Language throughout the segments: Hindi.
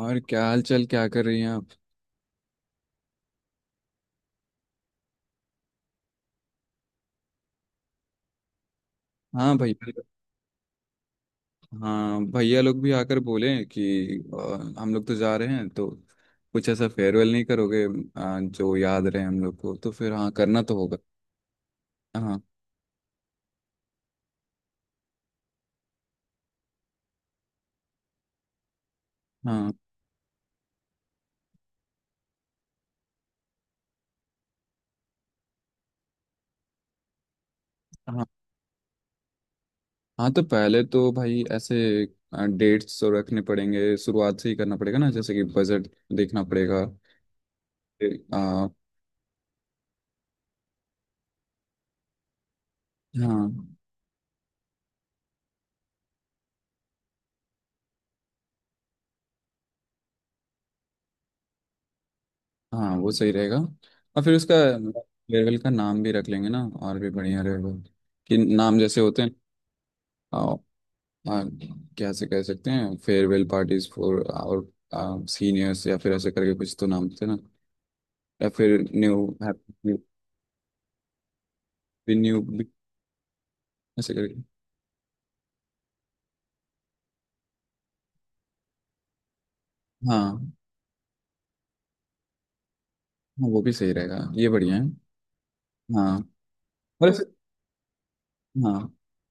और क्या हाल चाल क्या कर रही हैं आप? हाँ, भाई। हाँ, भैया लोग भी आकर बोले कि हम लोग तो जा रहे हैं, तो कुछ ऐसा फेयरवेल नहीं करोगे जो याद रहे हम लोग को, तो फिर हाँ करना तो होगा। हाँ, हाँ, हाँ। हाँ, तो पहले तो भाई ऐसे डेट्स तो रखने पड़ेंगे, शुरुआत से ही करना पड़ेगा ना, जैसे कि बजट देखना पड़ेगा। फिर। हाँ, हाँ, वो सही रहेगा और फिर उसका फेयरवेल का नाम भी रख लेंगे ना, और भी बढ़िया रहेगा कि नाम जैसे होते हैं। हाँ। कैसे कह सकते हैं, farewell parties for our seniors, या फिर ऐसे करके कुछ तो नाम थे ना। या फिर न्यू हैप्पी न्यू ऐसे करके। हाँ, हाँ, वो भी सही रहेगा, ये बढ़िया है। हाँ। और ऐसे। हाँ।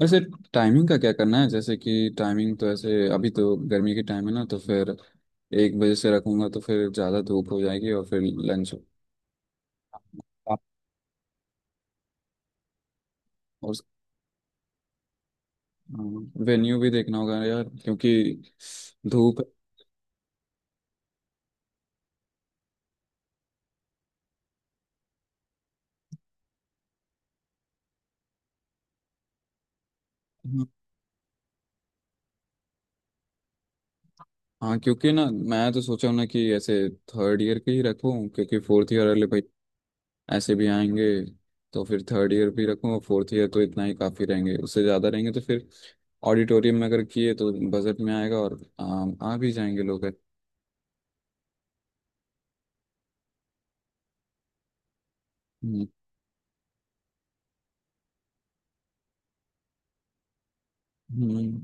और ऐसे टाइमिंग का क्या करना है, जैसे कि टाइमिंग तो ऐसे अभी तो गर्मी की टाइम है ना, तो फिर 1 बजे से रखूंगा तो फिर ज़्यादा धूप हो जाएगी और फिर लंच। और वेन्यू भी देखना होगा यार, क्योंकि धूप। हाँ, क्योंकि ना मैं तो सोचा हूँ ना कि ऐसे थर्ड ईयर के ही रखूँ, क्योंकि फोर्थ ईयर वाले भाई ऐसे भी आएंगे, तो फिर थर्ड ईयर भी रखूँ और फोर्थ ईयर तो इतना ही काफ़ी रहेंगे। उससे ज़्यादा रहेंगे तो फिर ऑडिटोरियम में अगर किए तो बजट में आएगा और आ भी जाएंगे लोग। हम्म, हम्म।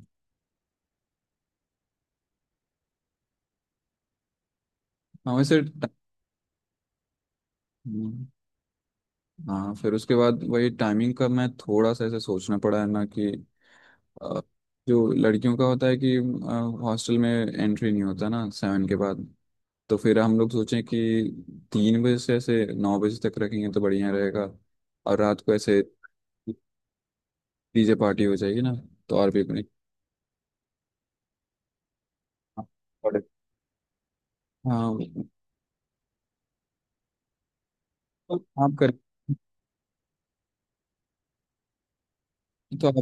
हाँ, वैसे हम्म। हाँ, फिर उसके बाद वही टाइमिंग का मैं थोड़ा सा ऐसे सोचना पड़ा है ना कि अ, जो लड़कियों का होता है कि हॉस्टल में एंट्री नहीं होता ना 7 के बाद, तो फिर हम लोग सोचें कि 3 बजे से ऐसे 9 बजे तक रखेंगे तो बढ़िया रहेगा, और रात को ऐसे डीजे पार्टी हो जाएगी ना, तो और भी अपने और- हाँ। तो आप कर। तो आप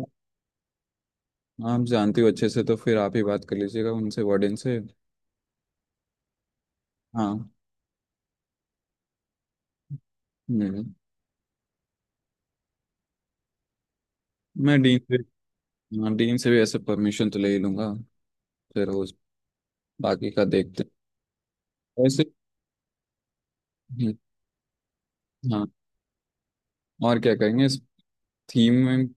आप जानते हो अच्छे से, तो फिर आप ही बात कर लीजिएगा उनसे, वार्डन से। हाँ। हम्म। मैं डीन से। हाँ, डीन से भी ऐसे परमिशन तो ले ही लूँगा। फिर उस बाकी का देखते हैं वैसे। हम्म। हाँ, और क्या करेंगे इस थीम में?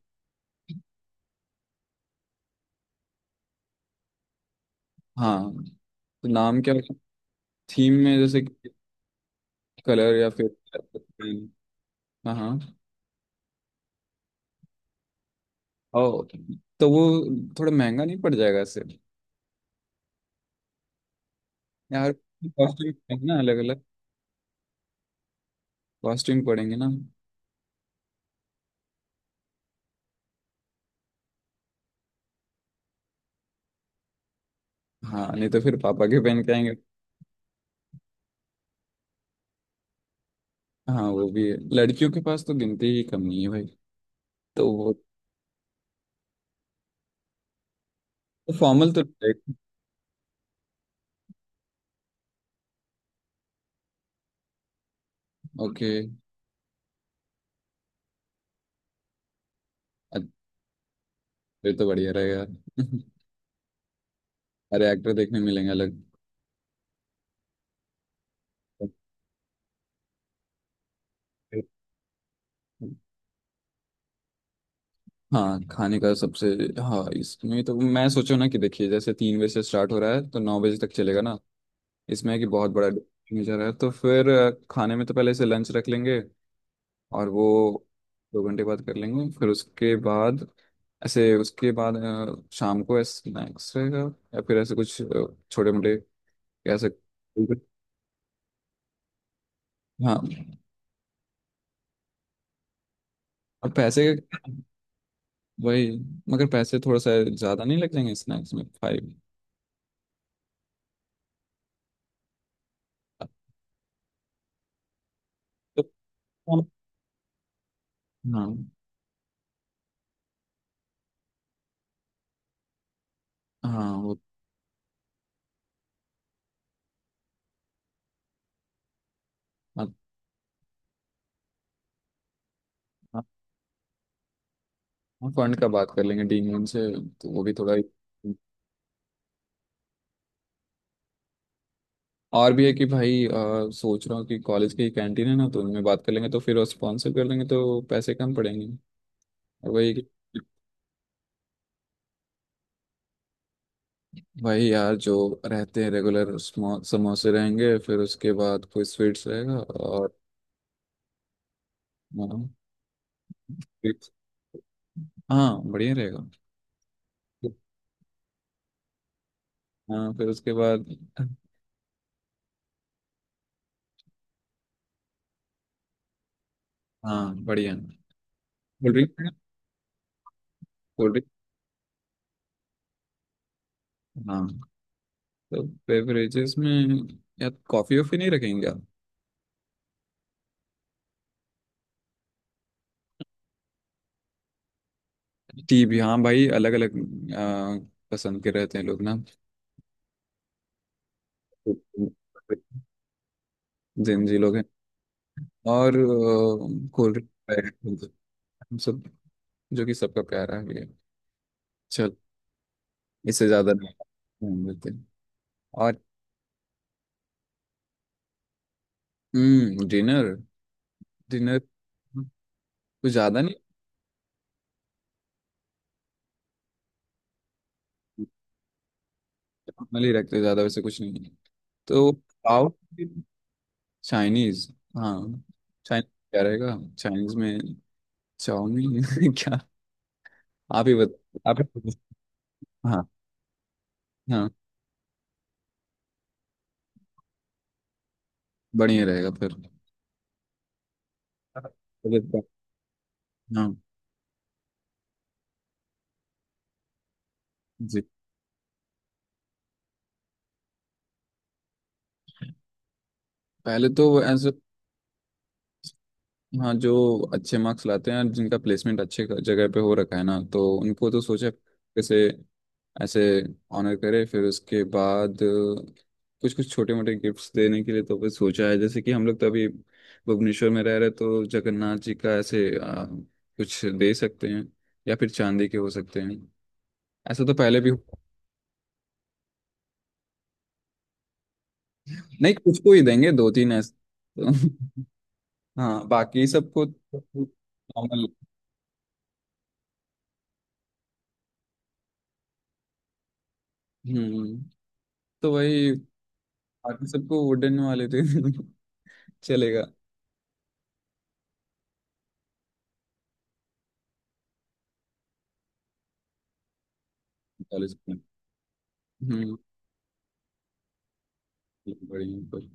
हाँ, तो नाम क्या? थीम में जैसे कलर या फिर पेन। हाँ, हाँ। ओ, तो वो थोड़ा महंगा नहीं पड़ जाएगा इससे? यार कॉस्ट्यूम पड़ेंगे ना अलग अलग। कॉस्ट्यूम पड़ेंगे ना। हाँ, नहीं तो फिर पापा के पहन के आएंगे। हाँ, वो भी है, लड़कियों के पास तो गिनती ही कम नहीं है भाई। तो वो। तो फॉर्मल तो रहेगा। ओके। फिर तो बढ़िया रहेगा। अरे, एक्टर देखने मिलेंगे अलग। हाँ, खाने का सबसे। हाँ, इसमें तो मैं सोचो ना कि देखिए जैसे 3 बजे से स्टार्ट हो रहा है तो 9 बजे तक चलेगा ना। इसमें है कि बहुत बड़ा नेचर है, तो फिर खाने में तो पहले से लंच रख लेंगे और वो 2 घंटे बाद कर लेंगे, फिर उसके बाद ऐसे उसके बाद शाम को स्नैक्स रहेगा या फिर ऐसे कुछ छोटे मोटे। ऐसे। हाँ, और पैसे वही, मगर पैसे थोड़ा सा ज़्यादा नहीं लग जाएंगे स्नैक्स में 5? तो। हाँ, हाँ, वो। हाँ, हाँ, फंड का बात कर लेंगे डीन से, तो वो भी थोड़ा। और भी है कि भाई सोच रहा हूँ कि कॉलेज की कैंटीन है ना, तो उनमें बात कर लेंगे तो फिर वो स्पॉन्सर कर लेंगे, तो पैसे कम पड़ेंगे और वही। भाई यार जो रहते हैं रेगुलर समोसे रहेंगे, फिर उसके बाद कोई स्वीट्स रहेगा और हाँ। sweets- हाँ, बढ़िया रहेगा। हाँ, फिर उसके बाद। हाँ, बढ़िया। Cold drink. Cold drink. हाँ, तो बेवरेजेस में यार कॉफ़ी वॉफ़ी नहीं रखेंगे? टी भी, हाँ भाई, अलग अलग पसंद के रहते हैं लोग ना, जिन जी लोग हैं। और कोल्ड ड्रिंक हम सब, जो कि सबका प्यारा है। चल, इससे ज्यादा नहीं हम लेते हैं। और डिनर। डिनर कुछ ज्यादा नहीं, नॉर्मली रखते हैं, ज्यादा वैसे कुछ नहीं है, तो पाव चाइनीज। हाँ, चाइनीज क्या रहेगा चाइनीज में? चाउमीन क्या? आप ही बत आप ही बता- हाँ, हाँ, बढ़िया रहेगा फिर। हाँ जी, पहले तो ऐसे। हाँ, जो अच्छे मार्क्स लाते हैं और जिनका प्लेसमेंट अच्छे जगह पे हो रखा है ना, तो उनको तो सोचा कैसे ऐसे ऑनर करे, फिर उसके बाद कुछ कुछ छोटे मोटे गिफ्ट्स देने के लिए तो फिर सोचा है जैसे कि हम लोग तो अभी भुवनेश्वर में रह रहे, तो जगन्नाथ जी का ऐसे कुछ दे सकते हैं, या फिर चांदी के हो सकते हैं, ऐसा तो पहले भी हुआ। नहीं, कुछ को ही देंगे, दो तीन ऐसे। तो, हाँ, बाकी सबको नॉर्मल। हम्म तो वही बाकी सबको वुडन वाले थे चलेगा। कॉलेज में। हम्म बढ़िया, पर।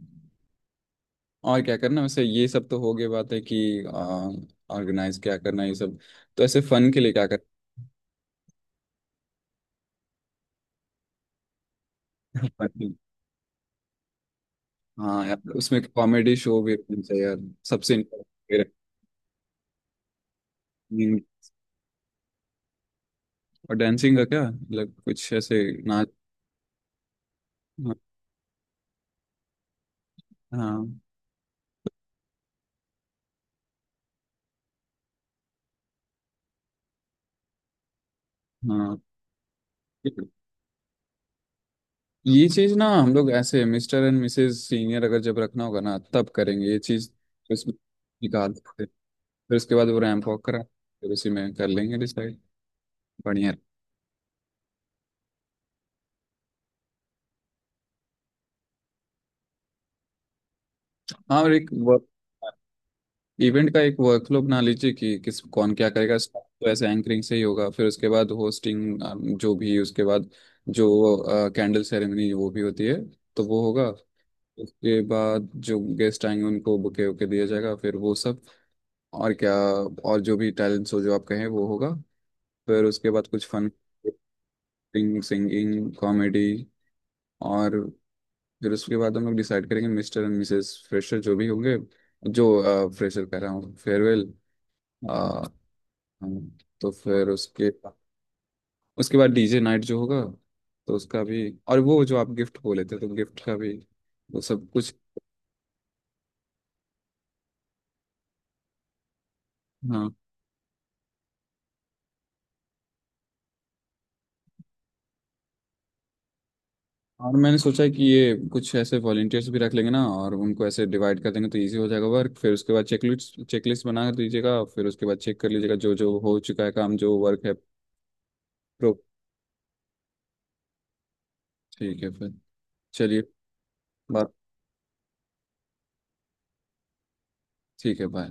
और क्या करना वैसे? ये सब तो हो गई बात है कि ऑर्गेनाइज क्या करना है, ये सब। तो ऐसे फन के लिए क्या करना? Fun। हाँ यार, उसमें कॉमेडी शो भी होना चाहिए यार, सबसे important मेरा। हम्म, और डांसिंग का क्या? मतलब कुछ ऐसे नाच। हाँ, हाँ, हाँ। ये चीज ना हम लोग ऐसे मिस्टर एंड मिसेस सीनियर अगर जब रखना होगा ना तब करेंगे ये चीज, इसमें निकाल सकते, फिर उसके बाद वो रैंप वॉक करा, फिर उसी में कर लेंगे डिसाइड। बढ़िया। हाँ, और एक वर्क, इवेंट का एक वर्कफ्लो बना लीजिए कि किस कौन क्या करेगा। स्टार्ट तो ऐसे एंकरिंग से ही होगा, फिर उसके बाद होस्टिंग, जो भी। उसके बाद जो कैंडल सेरेमनी वो भी होती है, तो वो होगा। उसके बाद जो गेस्ट आएंगे उनको बुके वुके दिया जाएगा, फिर वो सब और क्या, और जो भी टैलेंट्स हो जो आप कहें वो होगा। फिर उसके बाद कुछ फन, सिंगिंग, कॉमेडी और फिर उसके बाद हम लोग डिसाइड करेंगे मिस्टर एंड मिसेस फ्रेशर जो भी होंगे। जो फ्रेशर कह रहा हूँ, फेयरवेल। तो फिर उसके उसके बाद डीजे नाइट जो होगा, तो उसका भी, और वो जो आप गिफ्ट बोले थे तो गिफ्ट का भी, वो सब कुछ। हाँ, और मैंने सोचा है कि ये कुछ ऐसे वॉलेंटियर्स भी रख लेंगे ना, और उनको ऐसे डिवाइड कर देंगे तो इजी हो जाएगा वर्क, फिर उसके बाद चेकलिस्ट चेकलिस्ट बना दीजिएगा, फिर उसके बाद चेक कर लीजिएगा जो जो हो चुका है काम, जो वर्क है। प्रो। ठीक है, फिर चलिए बात। ठीक है, बाय।